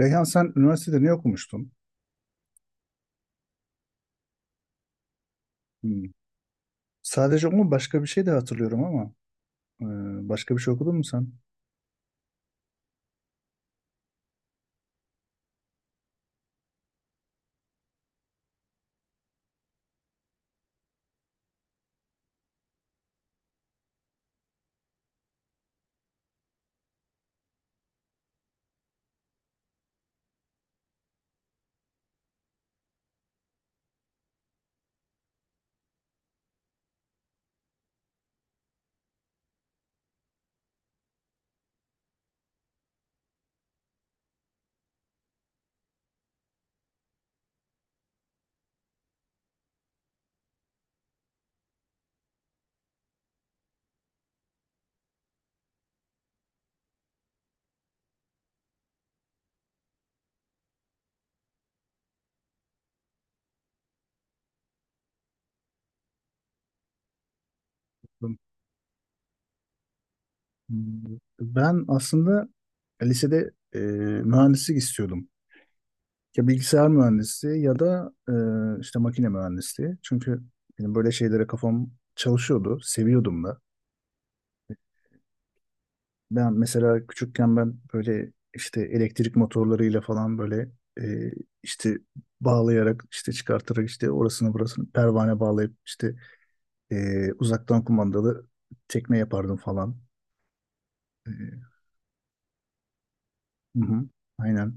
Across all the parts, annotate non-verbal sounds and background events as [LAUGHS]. Reyhan, sen üniversitede ne okumuştun? Hmm. Sadece o mu, başka bir şey de hatırlıyorum ama e, başka bir şey okudun mu sen? Hmm. Ben aslında lisede mühendislik istiyordum. Ya bilgisayar mühendisliği ya da işte makine mühendisliği. Çünkü benim böyle şeylere kafam çalışıyordu, seviyordum da. Ben mesela küçükken ben böyle işte elektrik motorlarıyla falan böyle, e, işte bağlayarak işte çıkartarak işte orasını burasını pervane bağlayıp işte, uzaktan kumandalı tekne yapardım falan. Ee, hı hı, aynen.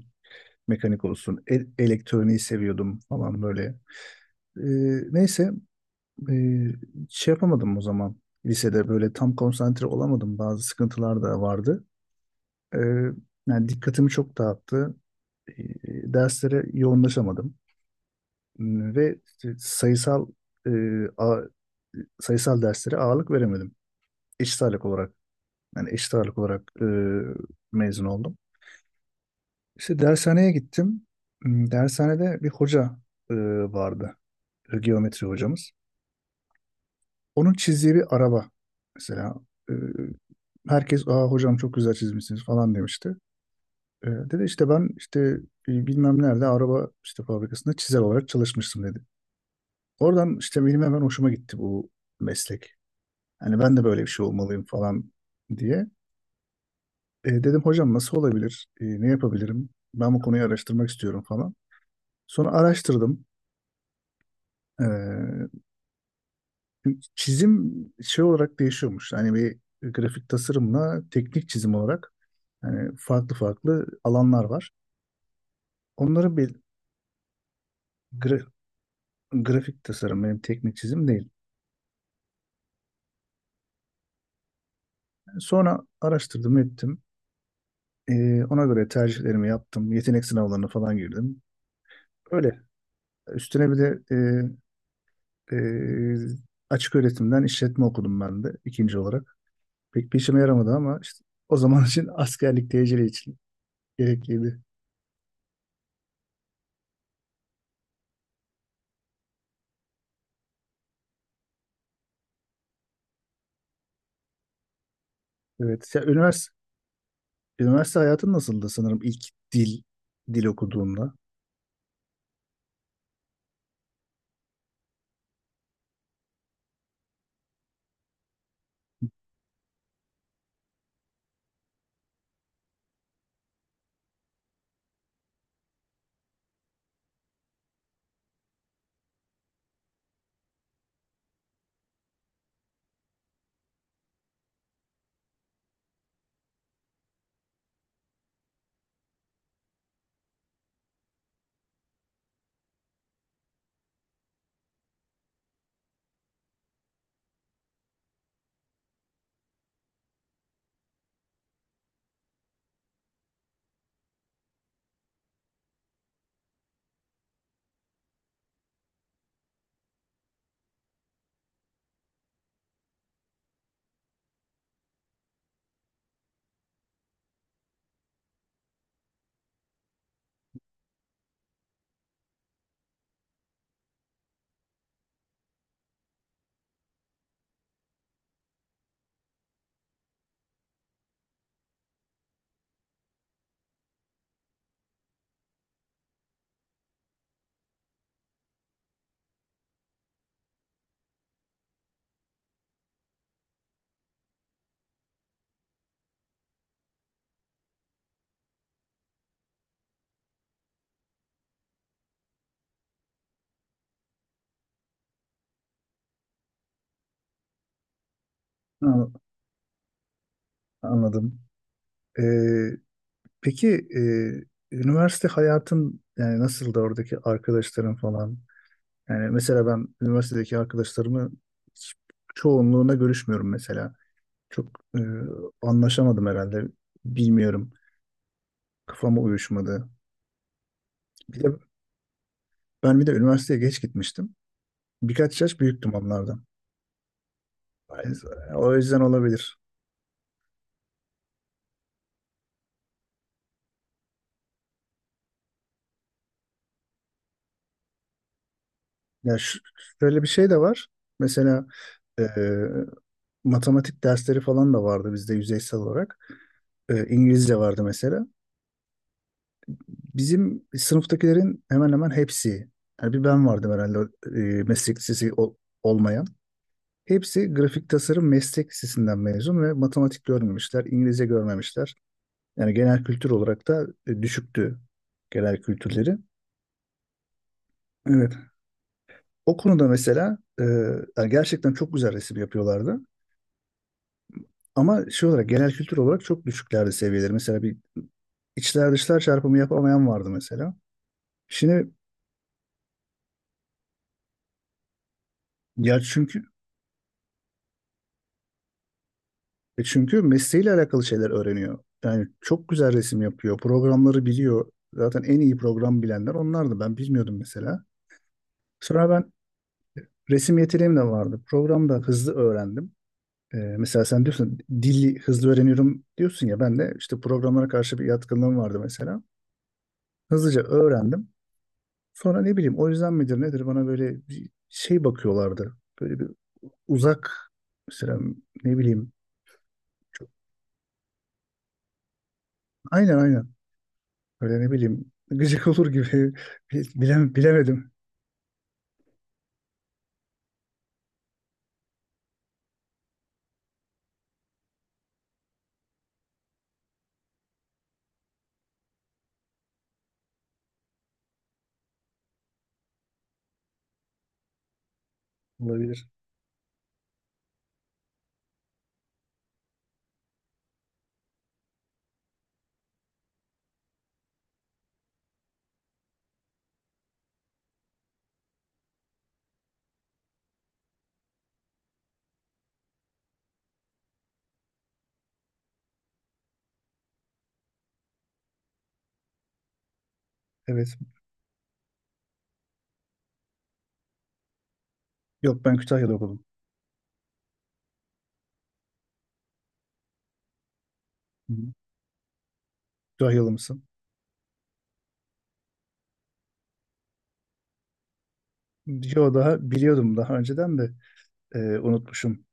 Mekanik olsun. Elektroniği seviyordum falan böyle. Neyse. ee, Şey yapamadım o zaman. Lisede böyle tam konsantre olamadım. Bazı sıkıntılar da vardı. Ee, Yani dikkatimi çok dağıttı. Ee, Derslere yoğunlaşamadım. Ve işte ee, a- sayısal derslere ağırlık veremedim. Eşit ağırlık olarak. Yani eşit ağırlık olarak mezun oldum. İşte dershaneye gittim. Dershanede bir hoca e, vardı. Geometri hocamız. Onun çizdiği bir araba. Mesela e, herkes, Aa, hocam çok güzel çizmişsiniz, falan demişti. Dedi işte, ben işte bilmem nerede araba işte fabrikasında çizer olarak çalışmıştım, dedi. Oradan işte benim hemen hoşuma gitti bu meslek. Hani ben de böyle bir şey olmalıyım falan diye. Dedim, hocam nasıl olabilir? Ne yapabilirim? Ben bu konuyu araştırmak istiyorum falan. Sonra araştırdım. E, Çizim şey olarak değişiyormuş. Hani bir grafik tasarımla teknik çizim olarak hani farklı farklı alanlar var. Onları bir gra- grafik tasarım benim, teknik çizim değil. Sonra araştırdım ettim. Ona göre tercihlerimi yaptım. Yetenek sınavlarına falan girdim. Öyle. Üstüne bir de e, e, açık öğretimden işletme okudum ben de ikinci olarak. Pek bir işime yaramadı ama işte o zaman [LAUGHS] için, askerlik tecili için gerekliydi. Evet. Ya üniversite hayatın nasıldı sanırım ilk dil dil okuduğunda? Ha, anladım. Ee, peki e, üniversite hayatın yani nasıldı, oradaki arkadaşların falan? Yani mesela ben üniversitedeki arkadaşlarımı hiç- çoğunluğuna görüşmüyorum mesela. Çok anlaşamadım herhalde. Bilmiyorum. Kafama uyuşmadı. Bir de ben, bir de üniversiteye geç gitmiştim. Birkaç yaş büyüktüm onlardan. O yüzden olabilir. Ya şöyle bir şey de var. Mesela e, matematik dersleri falan da vardı bizde yüzeysel olarak. İngilizce vardı mesela. Bizim sınıftakilerin hemen hemen hepsi, yani bir ben vardım herhalde meslek lisesi olmayan. Hepsi grafik tasarım meslek lisesinden mezun ve matematik görmemişler, İngilizce görmemişler. Yani genel kültür olarak da düşüktü genel kültürleri. Evet. O konuda mesela yani gerçekten çok güzel resim yapıyorlardı. Ama şey olarak genel kültür olarak çok düşüklerdi seviyeleri. Mesela bir içler dışlar çarpımı yapamayan vardı mesela. Şimdi ya çünkü mesleğiyle alakalı şeyler öğreniyor. Yani çok güzel resim yapıyor. Programları biliyor. Zaten en iyi program bilenler onlardı. Ben bilmiyordum mesela. Sonra ben, resim yeteneğim de vardı. Programda hızlı öğrendim. Mesela sen diyorsun dili hızlı öğreniyorum diyorsun ya, ben de işte programlara karşı bir yatkınlığım vardı mesela. Hızlıca öğrendim. Sonra ne bileyim, o yüzden midir nedir bana böyle bir şey bakıyorlardı. Böyle bir uzak mesela, ne bileyim. Çok- Aynen, aynen. Böyle ne bileyim [LAUGHS] gıcık olur gibi [LAUGHS] bilemedim. Olabilir. Evet. Yok, ben Kütahya'da okudum. Hı. Kütahyalı mısın? Yo, daha biliyordum daha önceden de, unutmuşum.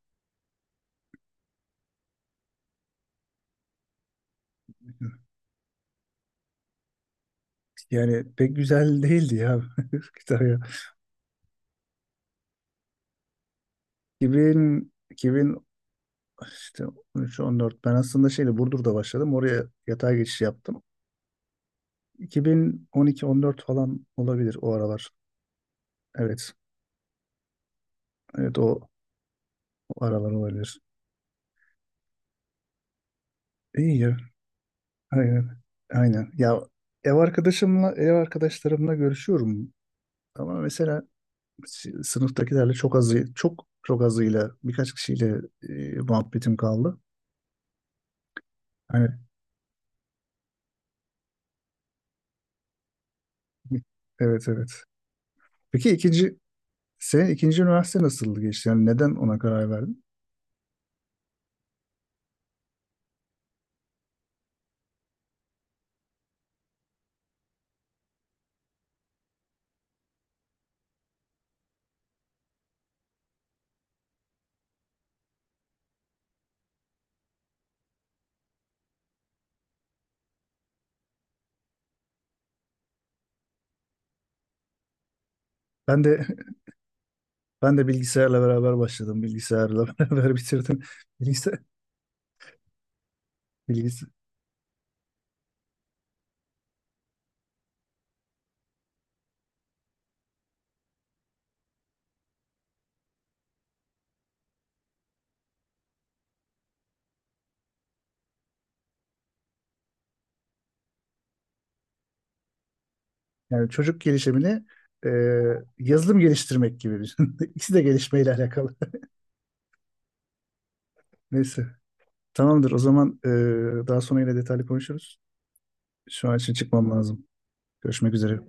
Yani pek güzel değildi ya [LAUGHS] Kütahya. 2000, 2000 işte 13-14, ben aslında şeyle Burdur'da başladım. Oraya yatay geçiş yaptım. 2012-14 falan olabilir o aralar. Evet. Evet, o aralar olabilir. İyi ya. Aynen. Aynen. Ya ev arkadaşlarımla görüşüyorum ama mesela sınıftakilerle çok çok azıyla, birkaç kişiyle muhabbetim kaldı. Hani, evet, evet. Peki senin ikinci üniversite nasıl geçti? Yani neden ona karar verdin? Ben de [LAUGHS] ben de bilgisayarla beraber başladım. Bilgisayarla [LAUGHS] beraber bitirdim. Bilgisayar, bilgis Yani çocuk gelişimini, e, yazılım geliştirmek gibi düşün. [LAUGHS] İkisi de gelişmeyle alakalı. [LAUGHS] Neyse. Tamamdır. O zaman daha sonra yine detaylı konuşuruz. Şu an için çıkmam lazım. Görüşmek üzere.